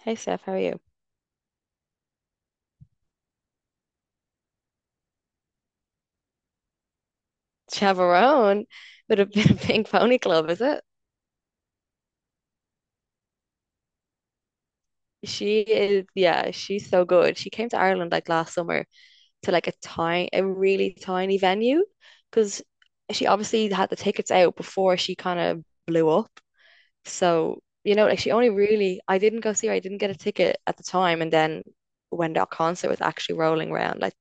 Hey Steph, how are you? Chavarone, but a bit of Pink Pony Club, is it? She is, yeah, she's so good. She came to Ireland like last summer to like a really tiny venue because she obviously had the tickets out before she kind of blew up. So, you know, like she only really, I didn't go see her, I didn't get a ticket at the time. And then when that concert was actually rolling around, like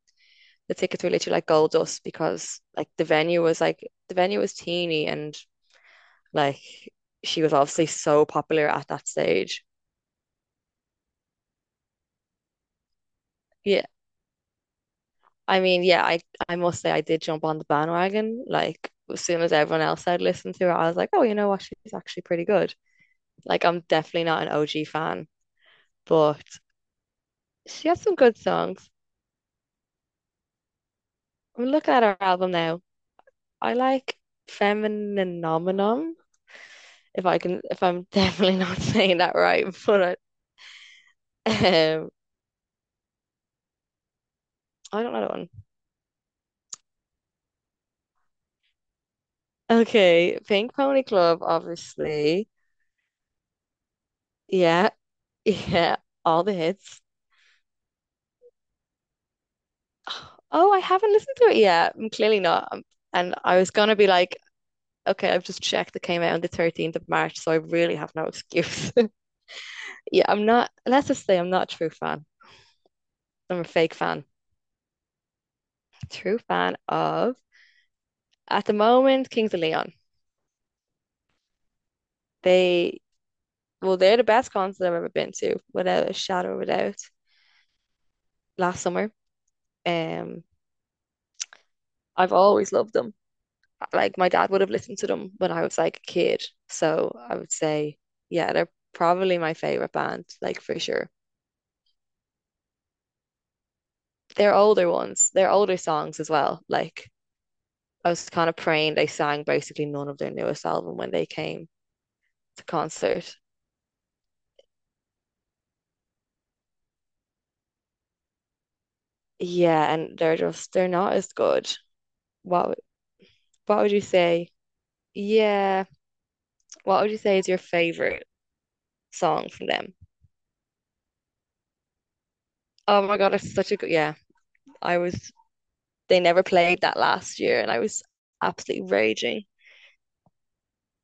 the tickets were literally like gold dust because like the venue was teeny and like she was obviously so popular at that stage. Yeah, I mean, yeah, I I must say I did jump on the bandwagon. Like as soon as everyone else had listened to her, I was like, oh, you know what? She's actually pretty good. Like I'm definitely not an OG fan, but she has some good songs. I'm looking at her album now. I like Femininominum, if I'm definitely not saying that right, but I, um, I don't know that one. Okay, Pink Pony Club, obviously. Yeah. Yeah, all the hits. Oh, I haven't listened to it yet. I'm clearly not. And I was gonna be like, okay, I've just checked. It came out on the 13th of March, so I really have no excuse. Yeah, I'm not. Let's just say I'm not a true fan. I'm a fake fan. True fan of at the moment Kings of Leon. They they're the best concert I've ever been to, without a shadow of a doubt. Last summer, um, I've always loved them. Like my dad would have listened to them when I was like a kid. So I would say, yeah, they're probably my favorite band, like for sure. They're older songs as well. Like I was kind of praying they sang basically none of their newest album when they came to concert. Yeah, and they're not as good. What what would you say? Yeah, what would you say is your favorite song from them? Oh my God, it's such a good yeah. I was they never played that last year and I was absolutely raging.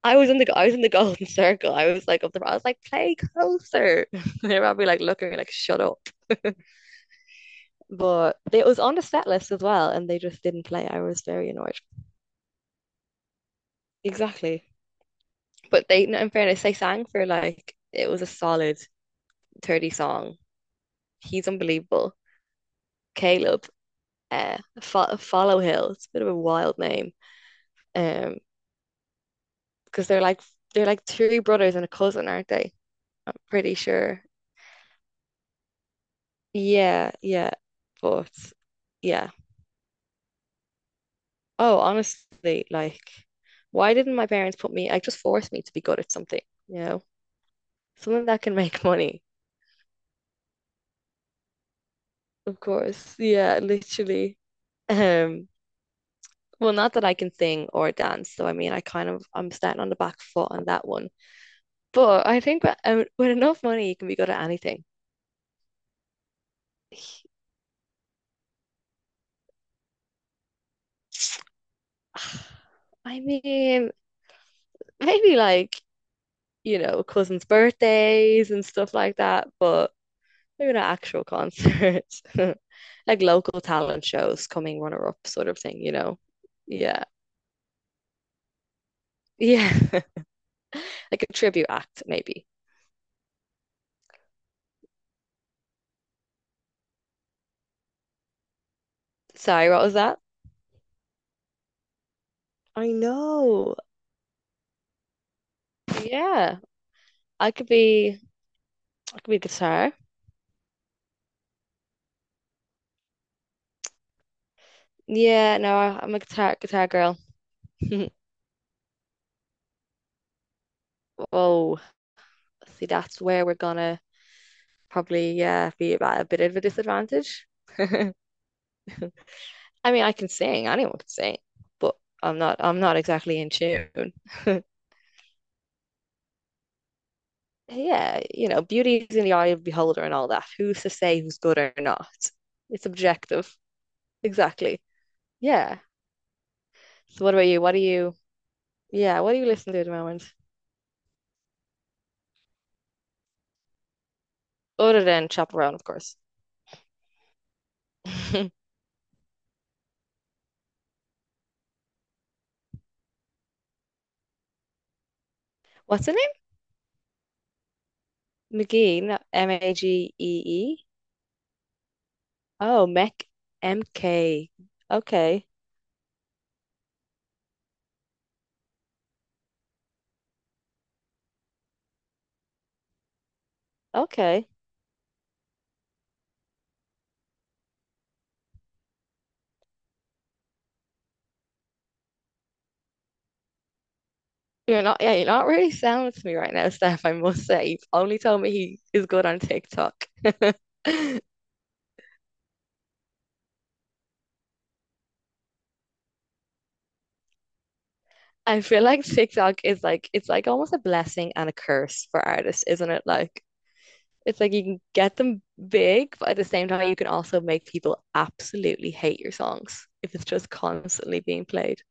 I was in the golden circle. I was like, play closer. They were probably like looking at me like, shut up. But it was on the set list as well, and they just didn't play. I was very annoyed. Exactly. But they, no, in fairness, they sang for like it was a solid 30 song. He's unbelievable. Caleb, Fo Follow Hill. It's a bit of a wild name. Um, because they're like three brothers and a cousin, aren't they? I'm pretty sure. Yeah, yeah. But yeah. Oh, honestly, like, why didn't my parents put me, like, just force me to be good at something, you know? Something that can make money, of course. Yeah, literally. Um, well, not that I can sing or dance, so I mean, I'm starting on the back foot on that one. But I think that, with enough money, you can be good at anything. I mean, maybe like, you know, cousins' birthdays and stuff like that, but maybe not actual concerts, like local talent shows, coming runner up sort of thing, you know? Yeah. Yeah. Like a tribute act, maybe. Sorry, what was that? I know. Yeah. I could be I could be guitar. Yeah, no, I'm a guitar girl. Whoa. See, that's where we're gonna probably yeah be at a bit of a disadvantage. I mean, I can sing, anyone can sing, but I'm not exactly in tune. Yeah, you know, beauty is in the eye of the beholder and all that. Who's to say who's good or not? It's objective. Exactly. Yeah. So what about you? What do you listen to at the moment? Other than Chaperone, of course. What's the name? McGee, Magee. Oh, Mech M-K. Okay. Okay. You're not, yeah, you're not really sounding to me right now, Steph, I must say. You've only told me he is good on TikTok. I feel like TikTok is like it's like almost a blessing and a curse for artists, isn't it? Like it's like you can get them big, but at the same time you can also make people absolutely hate your songs if it's just constantly being played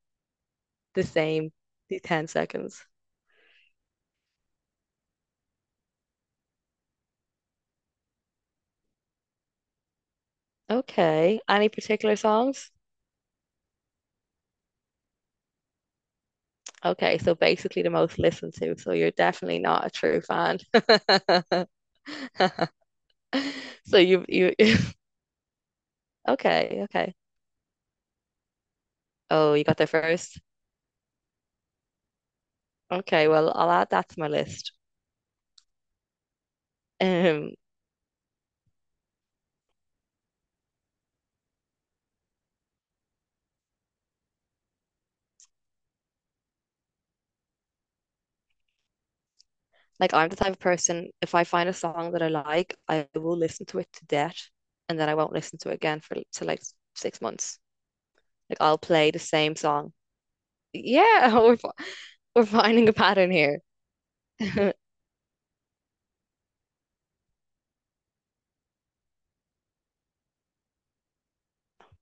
the same the 10 seconds. Okay. Any particular songs? Okay, so basically the most listened to, so you're definitely not a true fan. So you okay, okay. Oh, you got there first. Okay, well, I'll add that to my list. Um, like I'm the type of person, if I find a song that I like, I will listen to it to death and then I won't listen to it again for to like 6 months. Like I'll play the same song. Yeah, we're finding a pattern here.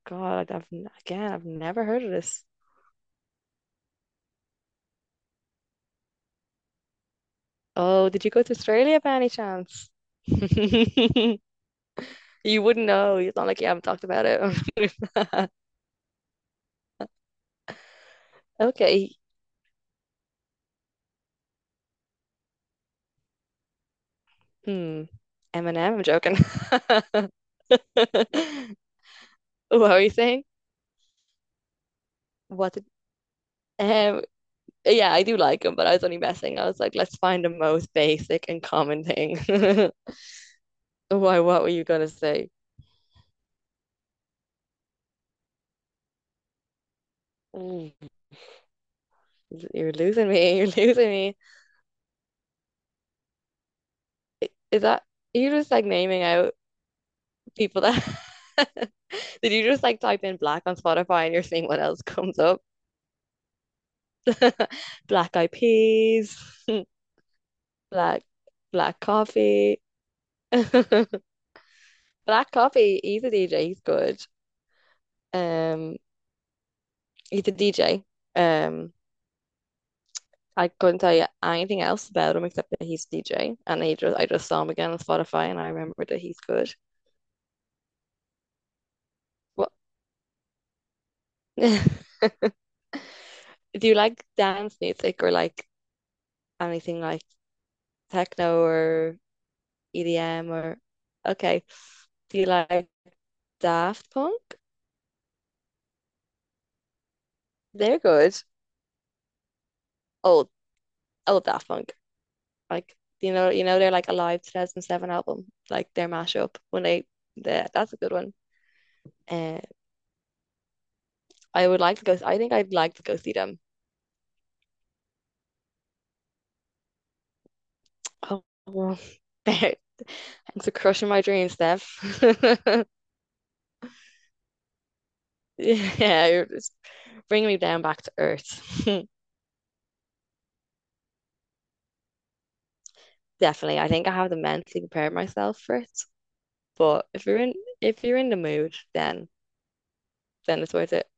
God, I've never heard of this. Oh, did you go to Australia by any chance? You wouldn't know. It's not like you haven't talked about it. Okay. Hmm. Eminem, I'm joking. What were you saying? What did, um, yeah, I do like him, but I was only messing. I was like, let's find the most basic and common thing. Why, what were you gonna say? Mm. You're losing me. Is that you just like naming out people that did you just like type in black on Spotify and you're seeing what else comes up? Black Eyed Peas, black black coffee. Black coffee, he's a DJ, he's good. Um, he's a DJ. Um I couldn't tell you anything else about him except that he's a DJ, and he just I just saw him again on Spotify, and I remember that he's good. What do you like dance music or like anything like techno or EDM or okay? Do you like Daft Punk? They're good. Old Old Daft Punk, like you know they're like a live 2007 album, like their mashup when they that's a good one. Uh, I would like to go. I think I'd like to go see them. Oh, well, they're it's for crushing my dreams, Dev. Yeah, you're just bringing me down back to earth. Definitely. I think I have to mentally prepare myself for it. But if you're in the mood, then it's worth it.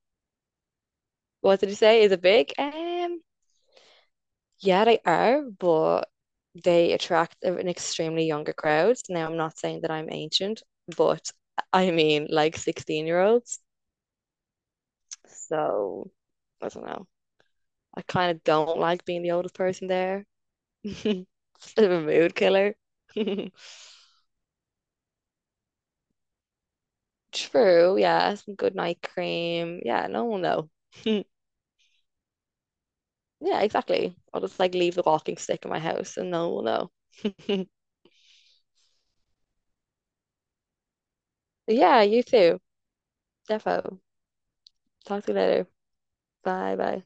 What did you say? Is it big? Yeah, they are, but they attract an extremely younger crowd. Now, I'm not saying that I'm ancient, but I mean like 16-year-olds year olds. So I don't know. I kind of don't like being the oldest person there. Bit of a mood killer. True, yeah. Some good night cream. Yeah, no one will know. Yeah, exactly. I'll just like leave the walking stick in my house and no one will know. Yeah, you too. Defo. Talk to you later. Bye bye.